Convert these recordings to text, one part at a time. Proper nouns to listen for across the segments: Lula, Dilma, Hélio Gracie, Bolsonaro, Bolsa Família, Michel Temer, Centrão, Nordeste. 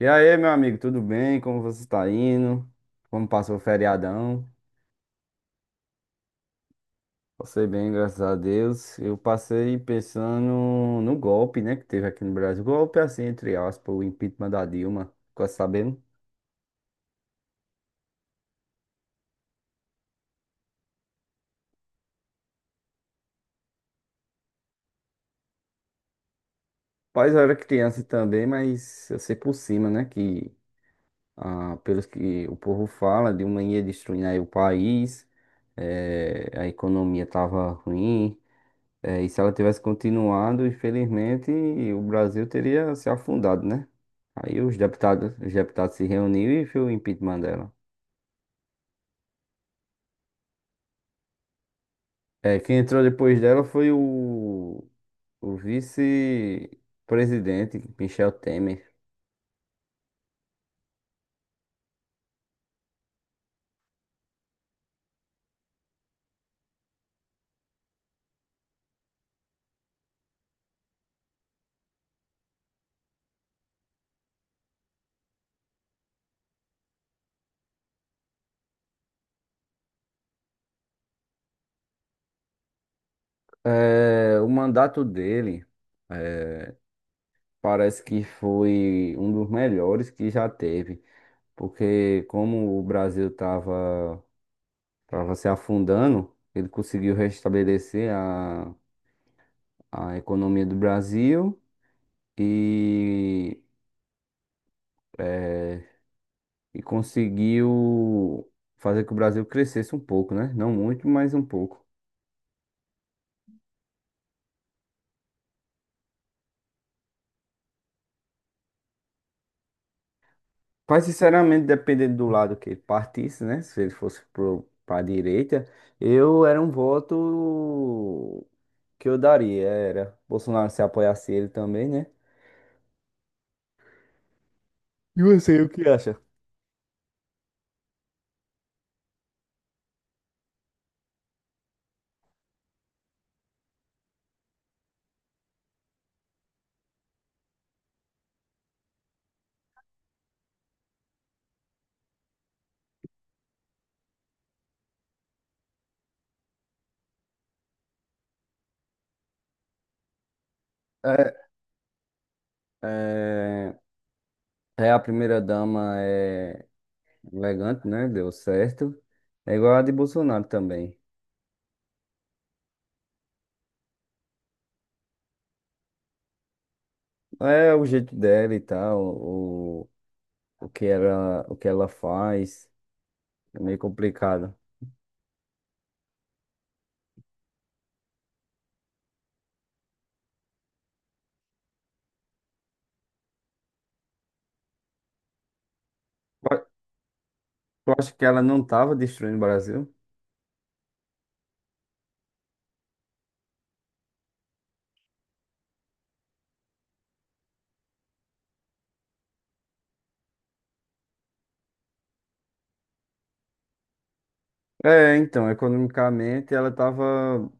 E aí, meu amigo, tudo bem? Como você está indo? Como passou o feriadão? Passei bem, graças a Deus. Eu passei pensando no golpe, né, que teve aqui no Brasil. Golpe, assim, entre aspas, o impeachment da Dilma. Ficou sabendo? Mas eu era criança também, mas eu sei por cima, né, que pelos que o povo fala, Dilma ia destruindo aí o país, a economia tava ruim. É, e se ela tivesse continuado, infelizmente, o Brasil teria se afundado, né? Aí os deputados se reuniram e fez o impeachment dela. É, quem entrou depois dela foi o vice-presidente, Michel Temer. É, o mandato dele é, parece que foi um dos melhores que já teve, porque como o Brasil estava se afundando, ele conseguiu restabelecer a economia do Brasil e, eh, e conseguiu fazer que o Brasil crescesse um pouco, né? Não muito, mas um pouco. Mas, sinceramente, dependendo do lado que ele partisse, né? Se ele fosse para a direita, eu era um voto que eu daria. Era Bolsonaro se apoiasse ele também, né? E você, o que acha? É, é, a primeira dama é elegante, né? Deu certo. É igual a de Bolsonaro também. É o jeito dela e tal, o que ela faz, é meio complicado. Eu eu acho que ela não tava destruindo o Brasil. É, então, economicamente ela tava,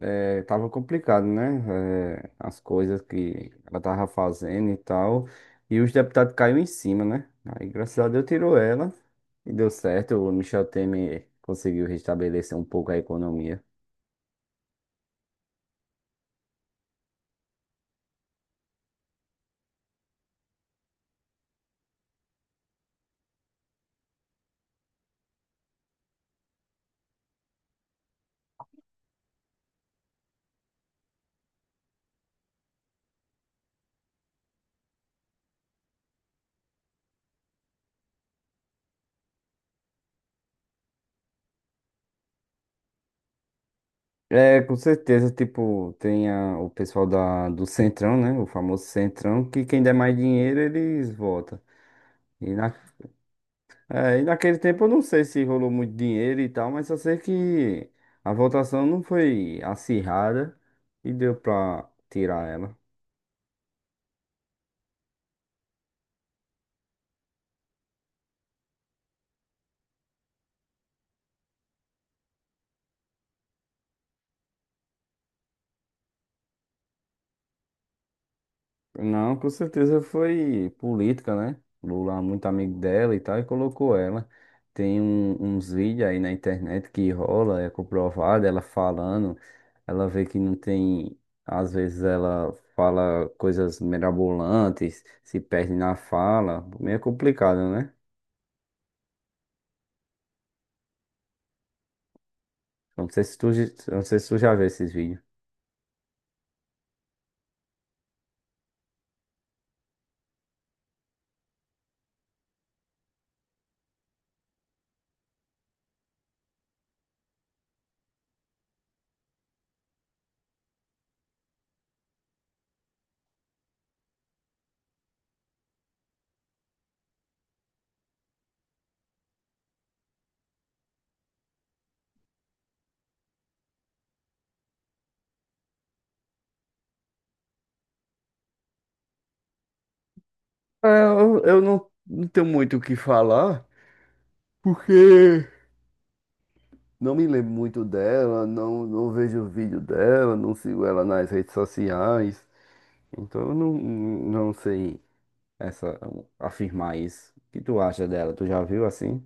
é, tava complicado, né? É, as coisas que ela tava fazendo e tal. E os deputados caíram em cima, né? Aí, graças a Deus, tirou ela e deu certo. O Michel Temer conseguiu restabelecer um pouco a economia. É, com certeza, tipo, tem a- o pessoal da, do Centrão, né? O famoso Centrão, que quem der mais dinheiro, eles votam. E, na, é, e naquele tempo eu não sei se rolou muito dinheiro e tal, mas só sei que a votação não foi acirrada e deu pra tirar ela. Não, com certeza foi política, né? Lula é muito amigo dela e tal, e colocou ela. Tem um- uns vídeos aí na internet que rola, é comprovado, ela falando, ela vê que não tem. Às vezes ela fala coisas mirabolantes, se perde na fala, meio complicado, né? Eu não sei se tu, j- eu não sei se tu já viu esses vídeos. Eu não, não tenho muito o que falar, porque. Não me lembro muito dela, não, não vejo o vídeo dela, não sigo ela nas redes sociais. Então eu não, não sei essa, afirmar isso. O que tu acha dela? Tu já viu assim?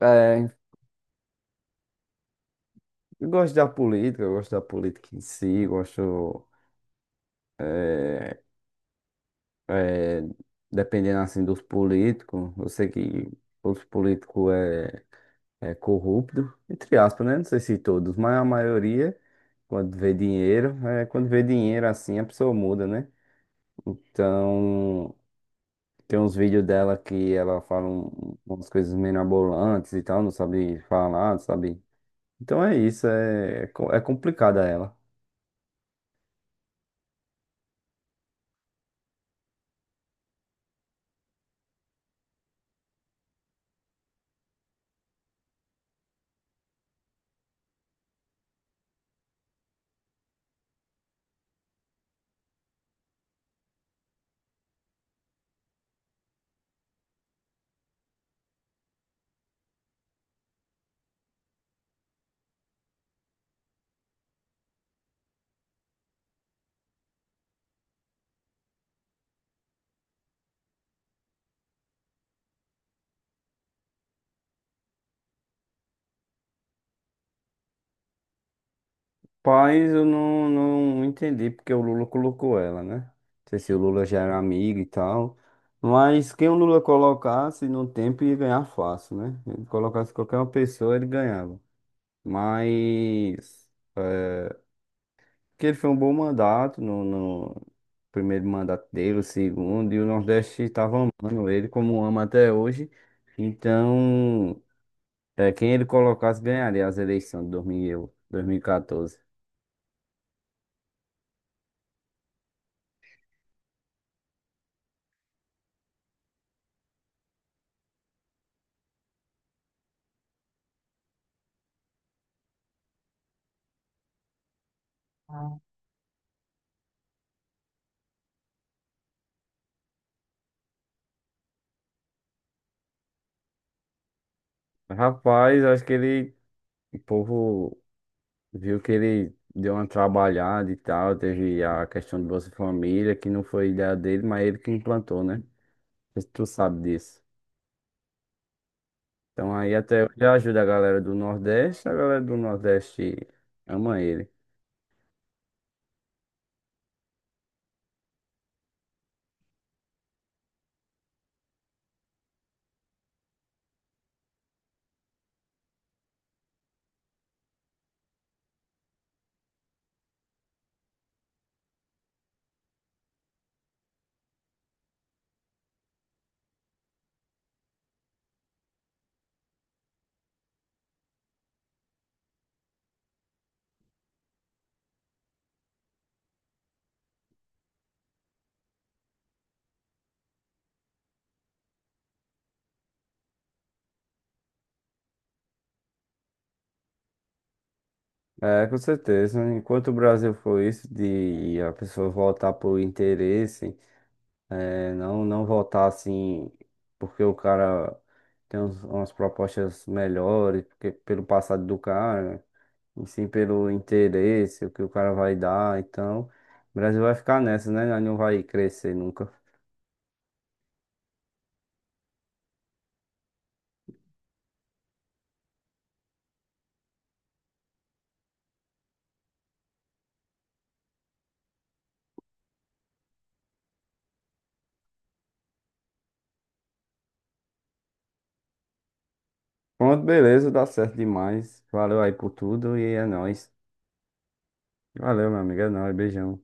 É, eu gosto da política, eu gosto da política em si, gosto, é, é, dependendo assim dos políticos, eu sei que os políticos é, é corrupto, entre aspas, né? Não sei se todos, mas a maioria, quando vê dinheiro, é, quando vê dinheiro assim, a pessoa muda, né? Então, tem uns vídeos dela que ela fala um- umas coisas meio mirabolantes e tal, não sabe falar, não sabe? Então é isso, é, é, co- é complicada ela. Paz, eu não, não entendi porque o Lula colocou ela, né? Não sei se o Lula já era amigo e tal. Mas quem o Lula colocasse no tempo ia ganhar fácil, né? Ele colocasse qualquer uma pessoa, ele ganhava. Mas. Que ele foi um bom mandato no primeiro mandato dele, o segundo, e o Nordeste estava amando ele como ama até hoje. Então, é, quem ele colocasse ganharia as eleições de dois mil e eu- 2014. Rapaz, acho que ele, o povo viu que ele deu uma trabalhada e tal, teve a questão do Bolsa Família, que não foi ideia dele, mas ele que implantou, né? Não sei se tu sabe disso. Então aí até hoje ajuda a galera do Nordeste, a galera do Nordeste ama ele. É, com certeza. Enquanto o Brasil for isso, de a pessoa voltar por interesse, é, não, não voltar assim, porque o cara tem uns- umas propostas melhores, porque pelo passado do cara, e sim pelo interesse, o que o cara vai dar. Então, o Brasil vai ficar nessa, né? Nós não vai crescer nunca. Pronto, beleza, dá certo demais. Valeu aí por tudo e é nóis. Valeu, meu amigo, é nóis, beijão.